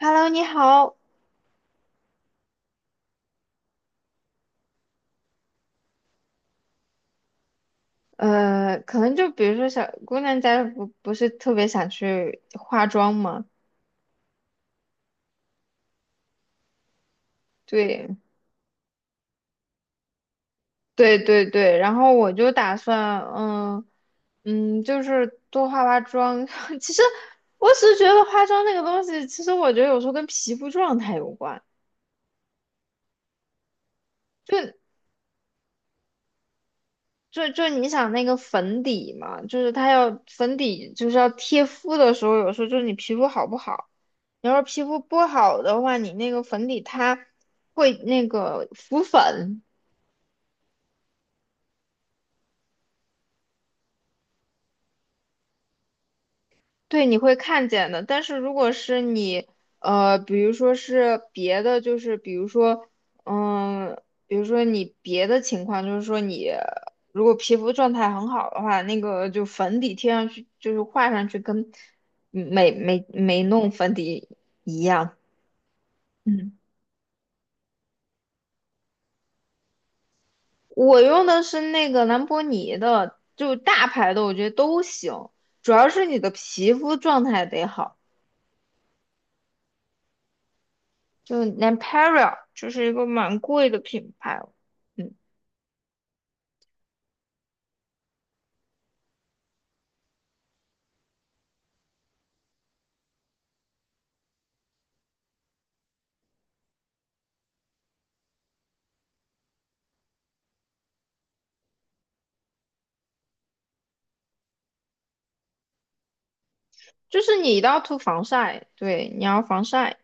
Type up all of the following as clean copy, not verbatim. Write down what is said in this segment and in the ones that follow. Hello，你好。可能就比如说小姑娘家不是特别想去化妆嘛，对对对对，然后我就打算，就是多化化妆。其实我只是觉得化妆那个东西，其实我觉得有时候跟皮肤状态有关。就。就你想那个粉底嘛，就是它要粉底，就是要贴肤的时候，有时候就是你皮肤好不好，你要是皮肤不好的话，你那个粉底它会那个浮粉，对，你会看见的。但是如果是你，比如说是别的，就是比如说，嗯，比如说你别的情况，就是说你如果皮肤状态很好的话，那个就粉底贴上去，就是画上去跟没弄粉底一样。嗯，我用的是那个兰博尼的，就大牌的，我觉得都行，主要是你的皮肤状态得好。就 n a p e r a 就是一个蛮贵的品牌哦，嗯，就是你一定要涂防晒，对，你要防晒。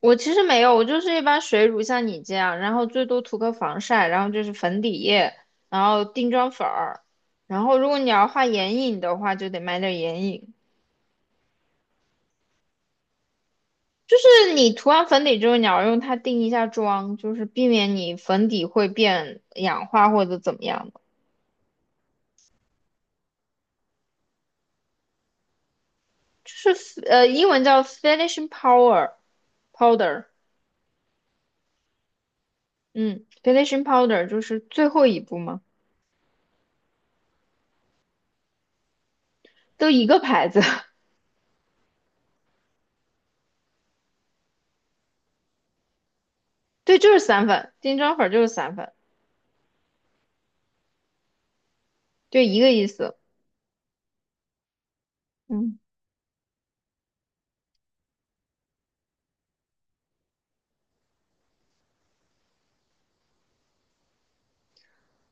我其实没有，我就是一般水乳像你这样，然后最多涂个防晒，然后就是粉底液，然后定妆粉儿，然后如果你要画眼影的话，就得买点眼影。就是你涂完粉底之后，你要用它定一下妆，就是避免你粉底会变氧化或者怎么样的。就是英文叫 finishing powder。嗯，finishing powder 就是最后一步吗？都一个牌子，对，就是散粉，定妆粉就是散粉，就一个意思。嗯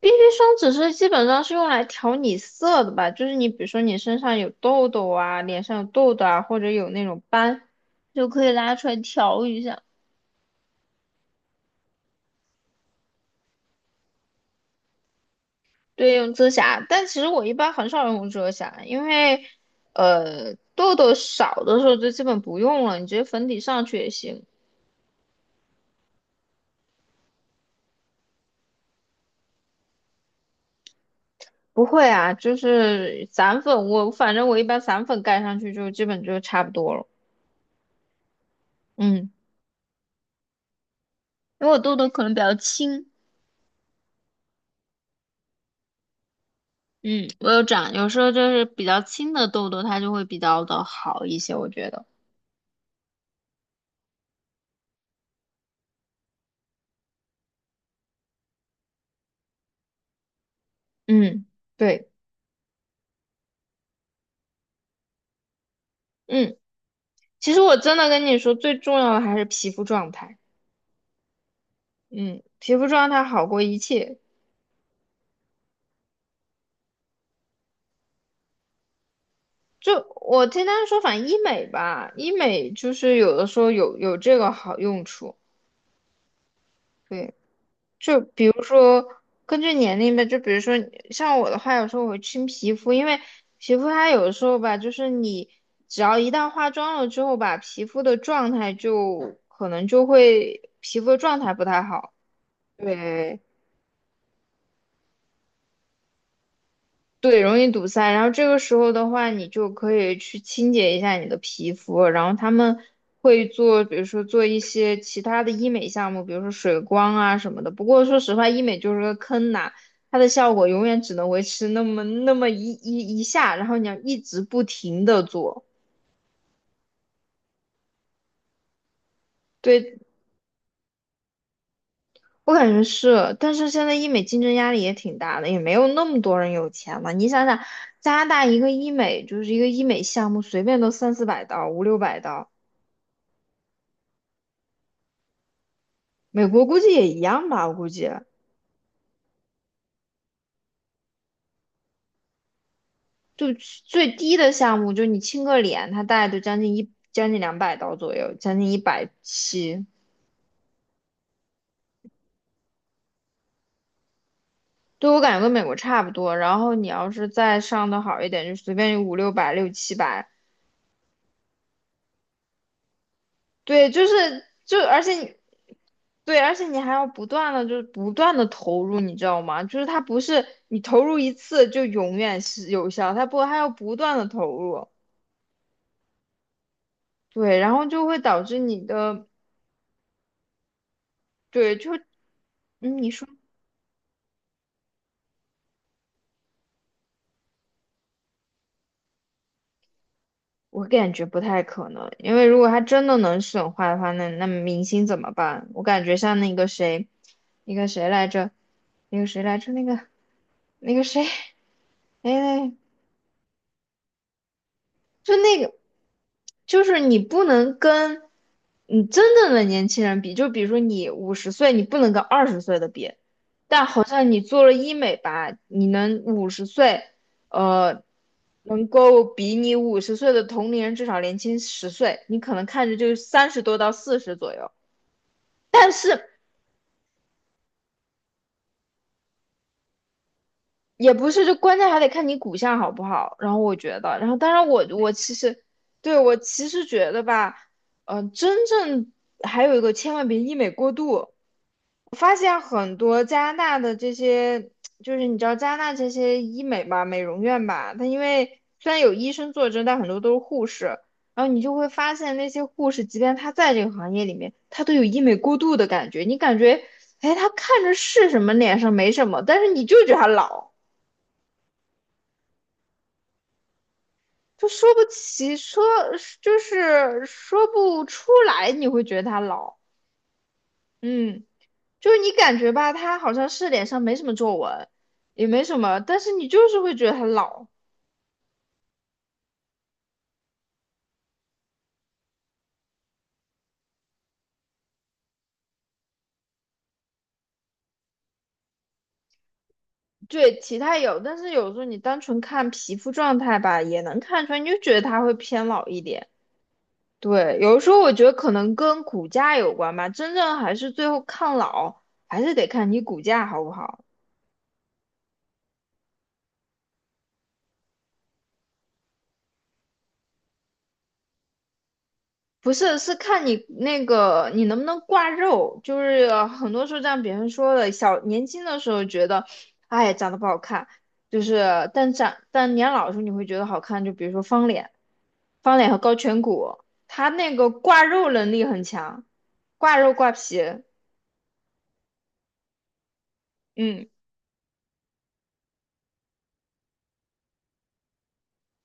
，BB 霜只是基本上是用来调你色的吧，就是你比如说你身上有痘痘啊，脸上有痘痘啊，或者有那种斑，就可以拉出来调一下。对，用遮瑕，但其实我一般很少用遮瑕，因为痘痘少的时候就基本不用了，你直接粉底上去也行。不会啊，就是散粉，我反正我一般散粉盖上去就基本就差不多了。嗯，因为我痘痘可能比较轻，嗯，我有长，有时候就是比较轻的痘痘，它就会比较的好一些，我觉得。嗯。对。嗯，其实我真的跟你说，最重要的还是皮肤状态。嗯，皮肤状态好过一切。就我听他们说，反正医美吧，医美就是有的时候有这个好用处。对。就比如说根据年龄吧，就比如说像我的话，有时候我会清皮肤，因为皮肤它有的时候吧，就是你只要一旦化妆了之后吧，皮肤的状态就可能就会皮肤的状态不太好。对，对，容易堵塞。然后这个时候的话，你就可以去清洁一下你的皮肤。然后他们会做，比如说做一些其他的医美项目，比如说水光啊什么的。不过说实话，医美就是个坑呐，它的效果永远只能维持那么那么一下，然后你要一直不停的做。对，我感觉是，但是现在医美竞争压力也挺大的，也没有那么多人有钱了。你想想，加拿大一个医美就是一个医美项目，随便都三四百刀，五六百刀。美国估计也一样吧，我估计就最低的项目，就你亲个脸，它大概就将近两百刀左右，将近一百七。对，我感觉跟美国差不多。然后你要是再上的好一点，就随便有五六百、六七百。对，就是就而且你对，而且你还要不断的就是不断的投入，你知道吗？就是它不是你投入一次就永远是有效，它不还要不断的投入。对，然后就会导致你的对，就你说。我感觉不太可能，因为如果他真的能损坏的话，那明星怎么办？我感觉像那个谁，那个谁来着，那个谁来着，那个谁，哎，就那个，就是你不能跟你真正的年轻人比，就比如说你五十岁，你不能跟二十岁的比，但好像你做了医美吧，你能五十岁，呃，能够比你五十岁的同龄人至少年轻十岁，你可能看着就三十多到四十左右，但是。也不是，就关键还得看你骨相好不好。然后我觉得，然后当然我其实对，我其实觉得吧，真正还有一个千万别医美过度。我发现很多加拿大的这些，就是你知道加拿大这些医美吧，美容院吧，它因为虽然有医生坐镇，但很多都是护士。然后你就会发现那些护士，即便他在这个行业里面，他都有医美过度的感觉。你感觉，哎，他看着是什么脸上没什么，但是你就觉得他老。就说不起，说就是说不出来，你会觉得他老，嗯，就是你感觉吧，他好像是脸上没什么皱纹，也没什么，但是你就是会觉得他老。对，体态有，但是有时候你单纯看皮肤状态吧，也能看出来，你就觉得他会偏老一点。对，有的时候我觉得可能跟骨架有关吧，真正还是最后抗老，还是得看你骨架好不好。不是，是看你那个你能不能挂肉，就是很多时候像别人说的，小年轻的时候觉得，哎，长得不好看，就是但长但年老的时候你会觉得好看，就比如说方脸，方脸和高颧骨，他那个挂肉能力很强，挂肉挂皮，嗯，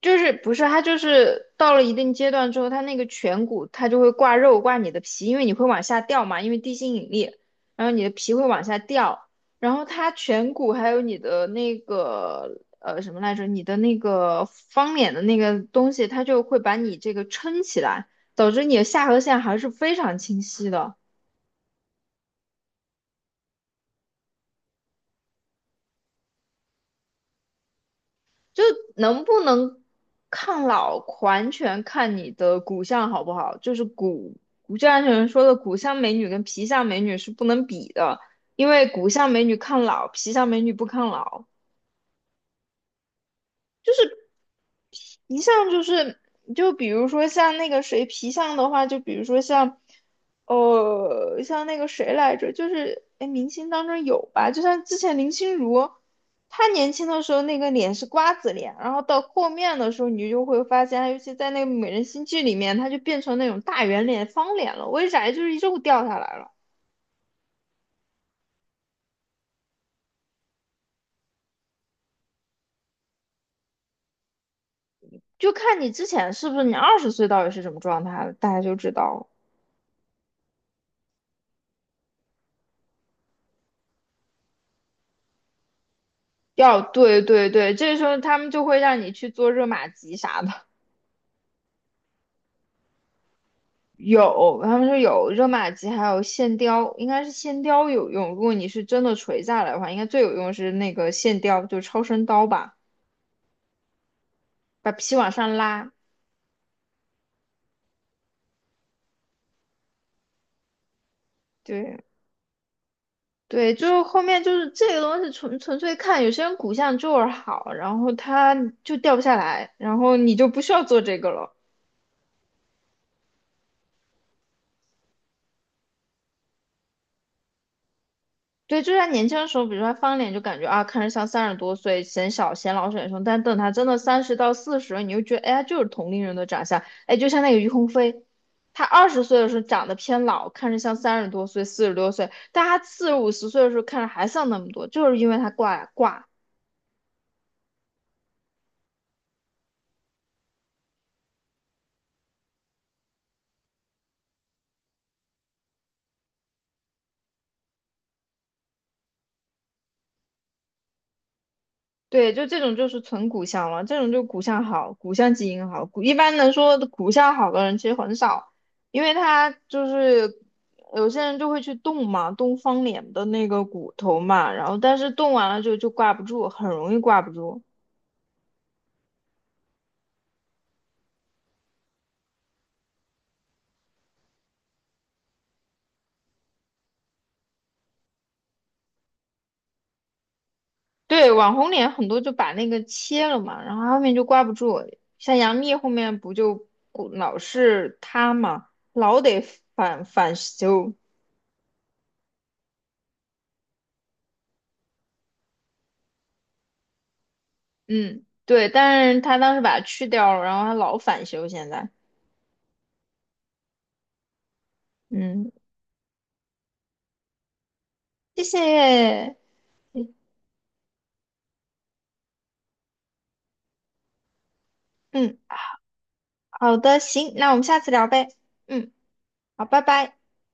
就是不是它就是到了一定阶段之后，它那个颧骨它就会挂肉挂你的皮，因为你会往下掉嘛，因为地心引力，然后你的皮会往下掉，然后它颧骨还有你的那个什么来着，你的那个方脸的那个东西，它就会把你这个撑起来，导致你的下颌线还是非常清晰的。就能不能抗老，完全看你的骨相好不好。就是骨骨质安全人说的，骨相美女跟皮相美女是不能比的，因为骨相美女抗老，皮相美女不抗老。一项就是，就比如说像那个谁皮相的话，就比如说像，像那个谁来着，就是哎，诶明星当中有吧，就像之前林心如，她年轻的时候那个脸是瓜子脸，然后到后面的时候，你就会发现，她尤其在那个《美人心计》里面，她就变成那种大圆脸、方脸了，为啥？就是肉掉下来了，就看你之前是不是你二十岁到底是什么状态了，大家就知道了。对对对，这时候他们就会让你去做热玛吉啥的。有，他们说有热玛吉，还有线雕，应该是线雕有用。如果你是真的垂下来的话，应该最有用是那个线雕，就超声刀吧，把皮往上拉。对对，就是后面就是这个东西纯粹看，有些人骨相就是好，然后他就掉不下来，然后你就不需要做这个了。对，就是他年轻的时候，比如说他翻脸就感觉啊，看着像三十多岁，显小、显老、显凶。但等他真的三十到四十，你就觉得，哎，他就是同龄人的长相。哎，就像那个于鸿飞，他二十岁的时候长得偏老，看着像三十多岁、四十多岁，但他四十五十岁的时候看着还像那么多，就是因为他挂挂对，就这种就是纯骨相了，这种就骨相好，骨相基因好。骨一般能说骨相好的人其实很少，因为他就是有些人就会去动嘛，动方脸的那个骨头嘛，然后但是动完了就挂不住，很容易挂不住。对，网红脸很多就把那个切了嘛，然后后面就挂不住。像杨幂后面不就骨老是塌嘛，老得反修。嗯，对，但是他当时把它去掉了，然后他老返修现在。嗯，谢谢。嗯，好的，行，那我们下次聊呗。嗯，好，拜拜。